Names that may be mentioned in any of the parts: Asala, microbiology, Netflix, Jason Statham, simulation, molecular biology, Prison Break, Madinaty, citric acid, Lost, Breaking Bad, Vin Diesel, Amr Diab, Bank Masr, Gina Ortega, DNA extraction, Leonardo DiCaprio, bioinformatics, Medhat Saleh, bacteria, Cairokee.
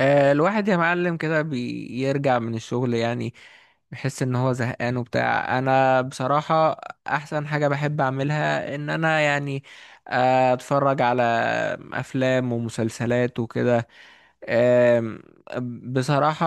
الواحد يا معلم كده بيرجع من الشغل يعني. بحس ان هو زهقان وبتاع انا بصراحة. احسن حاجة بحب اعملها ان انا يعني اتفرج على افلام ومسلسلات وكده. آم، بصراحة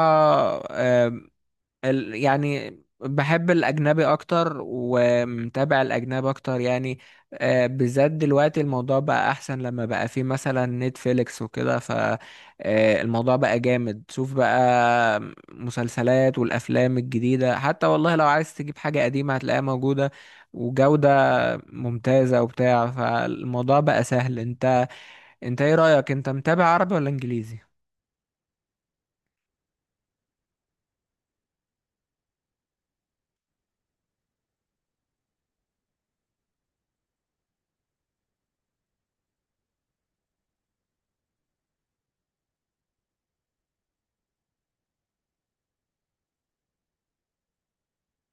يعني بحب الأجنبي أكتر ومتابع الأجنبي أكتر يعني. بالذات دلوقتي الموضوع بقى أحسن لما بقى فيه مثلا نتفليكس وكده، فالموضوع بقى جامد. شوف بقى مسلسلات والأفلام الجديدة، حتى والله لو عايز تجيب حاجة قديمة هتلاقيها موجودة، وجودة ممتازة وبتاع. فالموضوع بقى سهل. انت ايه رأيك، انت متابع عربي ولا انجليزي؟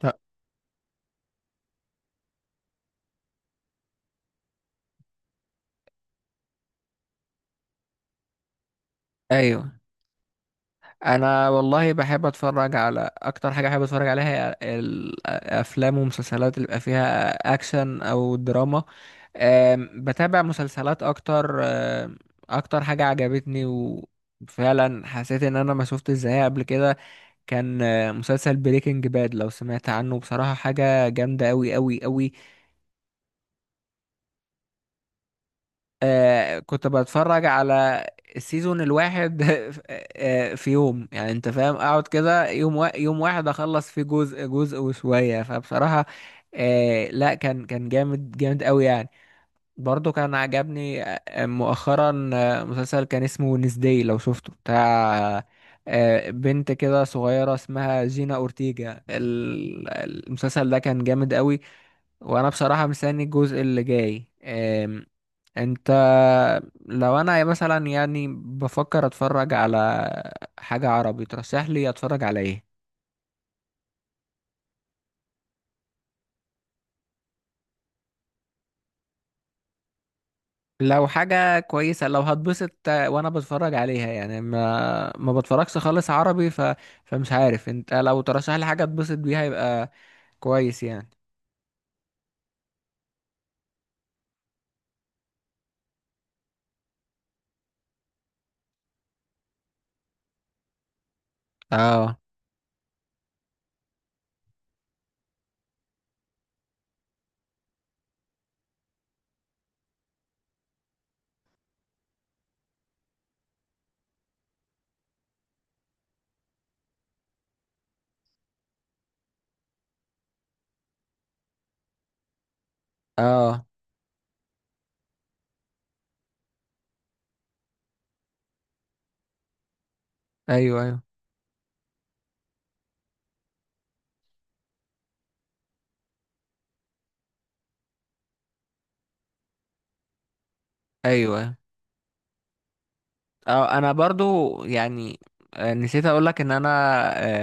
لا. ايوه. انا والله بحب اتفرج على، اكتر حاجه بحب اتفرج عليها هي الافلام ومسلسلات اللي بيبقى فيها اكشن او دراما. بتابع مسلسلات اكتر. اكتر حاجه عجبتني، وفعلا حسيت ان انا ما شفت ازاي قبل كده. كان مسلسل بريكنج باد، لو سمعت عنه بصراحه حاجه جامده قوي قوي قوي. كنت بتفرج على السيزون الواحد في يوم يعني انت فاهم، اقعد كده يوم يوم واحد اخلص فيه جزء جزء وشوية، فبصراحة لا، كان جامد جامد قوي يعني. برضو كان عجبني مؤخرا مسلسل كان اسمه نسداي، لو شفته بتاع بنت كده صغيرة اسمها جينا أورتيجا. المسلسل ده كان جامد قوي، وأنا بصراحة مستني الجزء اللي جاي. انت لو انا مثلا يعني بفكر اتفرج على حاجة عربي، ترشح لي اتفرج على ايه؟ لو حاجة كويسة، لو هتبسط وانا بتفرج عليها يعني، ما بتفرجش خالص عربي، فمش عارف، انت لو ترشح لي حاجة اتبسط بيها يبقى كويس يعني. اه، اه، ايوه، ايوه، ايوه. اه انا برضو يعني نسيت اقولك ان انا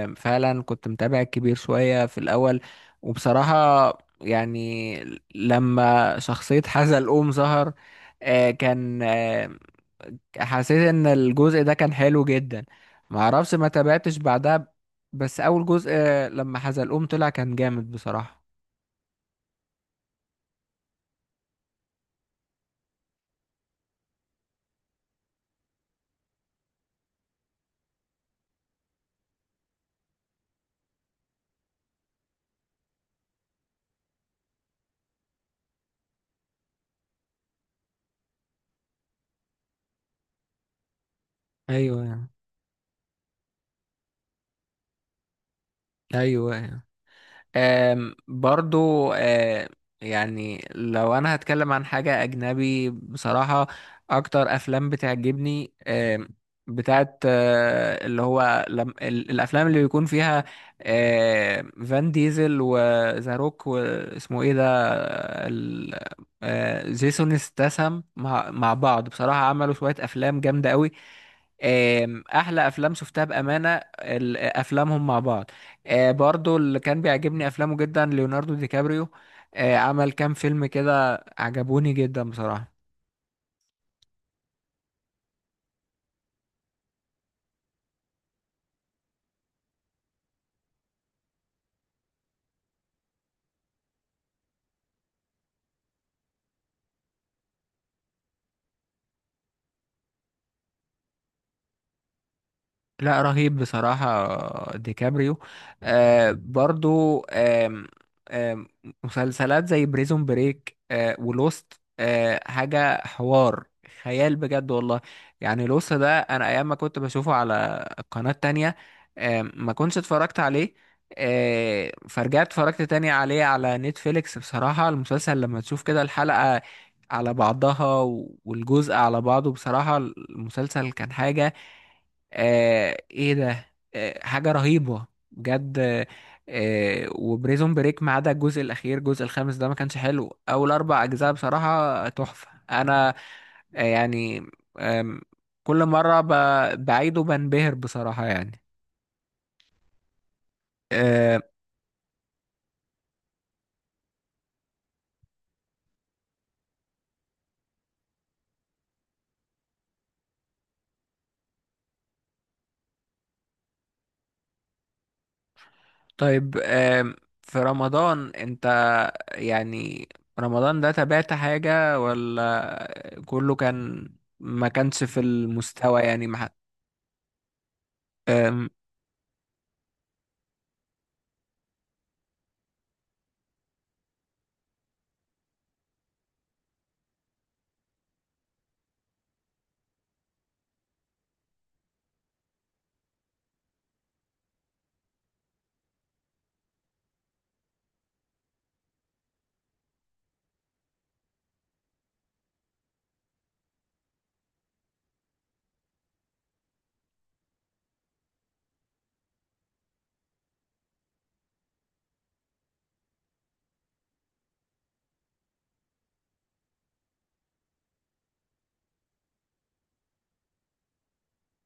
فعلا كنت متابع كبير شوية في الاول، وبصراحة يعني لما شخصية حزلقوم ظهر آه، كان آه، حسيت ان الجزء ده كان حلو جدا. معرفش، ما تابعتش بعدها. بس اول جزء لما حزلقوم طلع كان جامد بصراحة. ايوه، ايوه. برضو يعني لو انا هتكلم عن حاجة اجنبي بصراحة، اكتر افلام بتعجبني بتاعت اللي هو لم الافلام اللي بيكون فيها فان ديزل وذا روك واسمه ايه ده ال- جيسون استسم، مع بعض بصراحة عملوا شوية افلام جامدة قوي. احلى افلام شفتها بأمانة افلامهم مع بعض. برضو اللي كان بيعجبني افلامه جدا ليوناردو دي كابريو. عمل كام فيلم كده عجبوني جدا بصراحة. لا، رهيب بصراحة ديكابريو. برضو آم آم مسلسلات زي بريزون بريك ولوست، حاجة حوار خيال بجد والله. يعني لوست ده أنا أيام ما كنت بشوفه على قناة تانية ما كنتش اتفرجت عليه. فرجعت اتفرجت تاني عليه على نتفليكس. بصراحة المسلسل لما تشوف كده الحلقة على بعضها والجزء على بعضه، بصراحة المسلسل كان حاجة آه ايه ده آه حاجة رهيبة بجد وبريزون بريك ما عدا الجزء الأخير، الجزء الخامس ده ما كانش حلو. أول أربع أجزاء بصراحة تحفة. أنا يعني آم، كل مرة بعيده بنبهر بصراحة يعني آه طيب في رمضان، أنت يعني رمضان ده تابعت حاجة ولا كله كان ما كانش في المستوى؟ يعني ما حد- آم،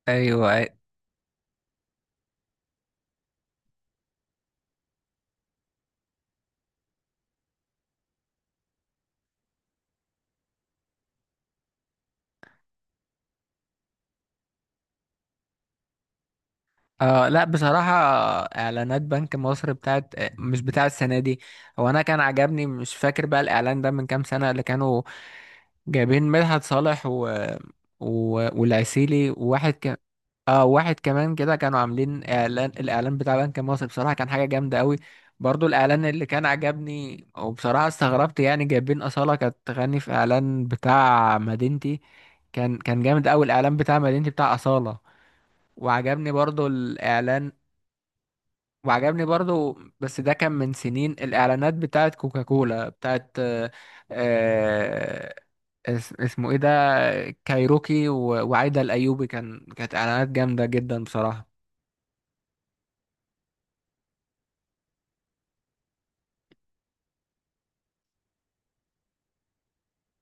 ايوه. لا بصراحة، إعلانات بنك مصر بتاعت مش بتاع السنة دي. هو أنا كان عجبني، مش فاكر بقى الإعلان ده من كام سنة، اللي كانوا جايبين مدحت صالح و... والعسيلي واحد كمان كده، كانوا عاملين إعلان، الإعلان بتاع بنك مصر بصراحة كان حاجة جامدة أوي. برضو الإعلان اللي كان عجبني، وبصراحة استغربت يعني جايبين أصالة كانت تغني في إعلان بتاع مدينتي، كان جامد أوي الإعلان بتاع مدينتي بتاع أصالة. وعجبني برضو الإعلان، وعجبني برضو بس ده كان من سنين الإعلانات بتاعت كوكاكولا بتاعت آه، اسمه ايه ده، كايروكي وعايدة الأيوبي، كانت إعلانات جامدة جدا بصراحة.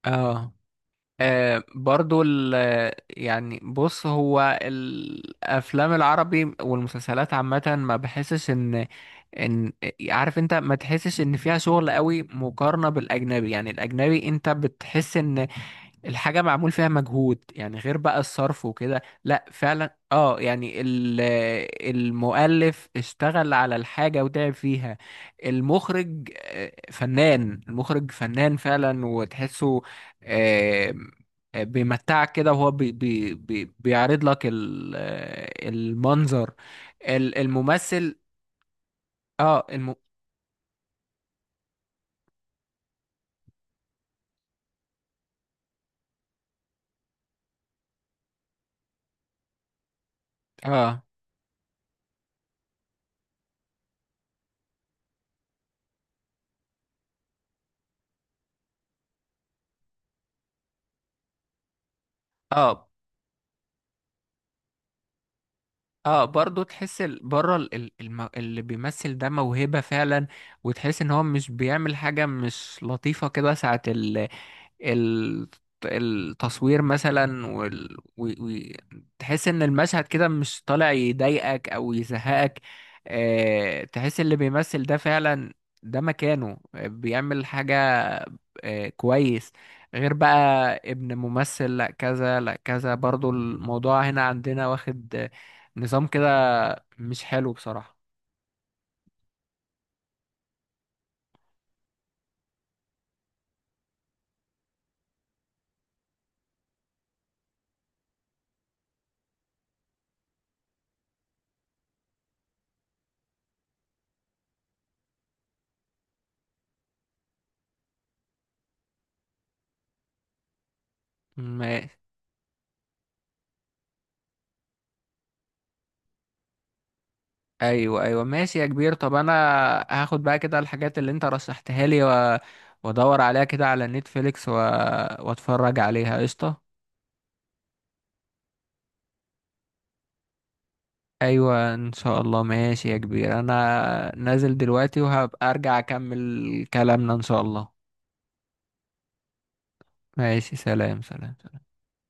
اه. آه، برضو ال يعني بص، هو الافلام العربي والمسلسلات عامه ما بحسش ان ان عارف انت، ما تحسش ان فيها شغل قوي مقارنه بالاجنبي. يعني الاجنبي انت بتحس ان الحاجة معمول فيها مجهود، يعني غير بقى الصرف وكده، لا فعلا اه يعني المؤلف اشتغل على الحاجة وتعب فيها. المخرج فنان، المخرج فنان فعلا وتحسه، آه، بيمتعك كده، وهو بي بي بي بيعرض لك المنظر، الممثل اه الم... اه، اه، اه، برضو تحس بره اللي بيمثل ده موهبة فعلا. وتحس ان هو مش بيعمل حاجة مش لطيفة، كده ساعة ال- التصوير مثلا تحس ان المشهد كده مش طالع، يضايقك او يزهقك. تحس اللي بيمثل ده فعلا ده مكانه، بيعمل حاجة كويس. غير بقى ابن ممثل لا كذا لا كذا، برضو الموضوع هنا عندنا واخد نظام كده مش حلو بصراحة. ماشي. ايوه، ايوه. ماشي يا كبير. طب انا هاخد بقى كده الحاجات اللي انت رشحتها لي، وادور عليها كده على نتفليكس واتفرج عليها قشطه. ايوه، ان شاء الله. ماشي يا كبير، انا نازل دلوقتي وهبقى ارجع اكمل كلامنا ان شاء الله. ماشي، سلام، سلام، سلام.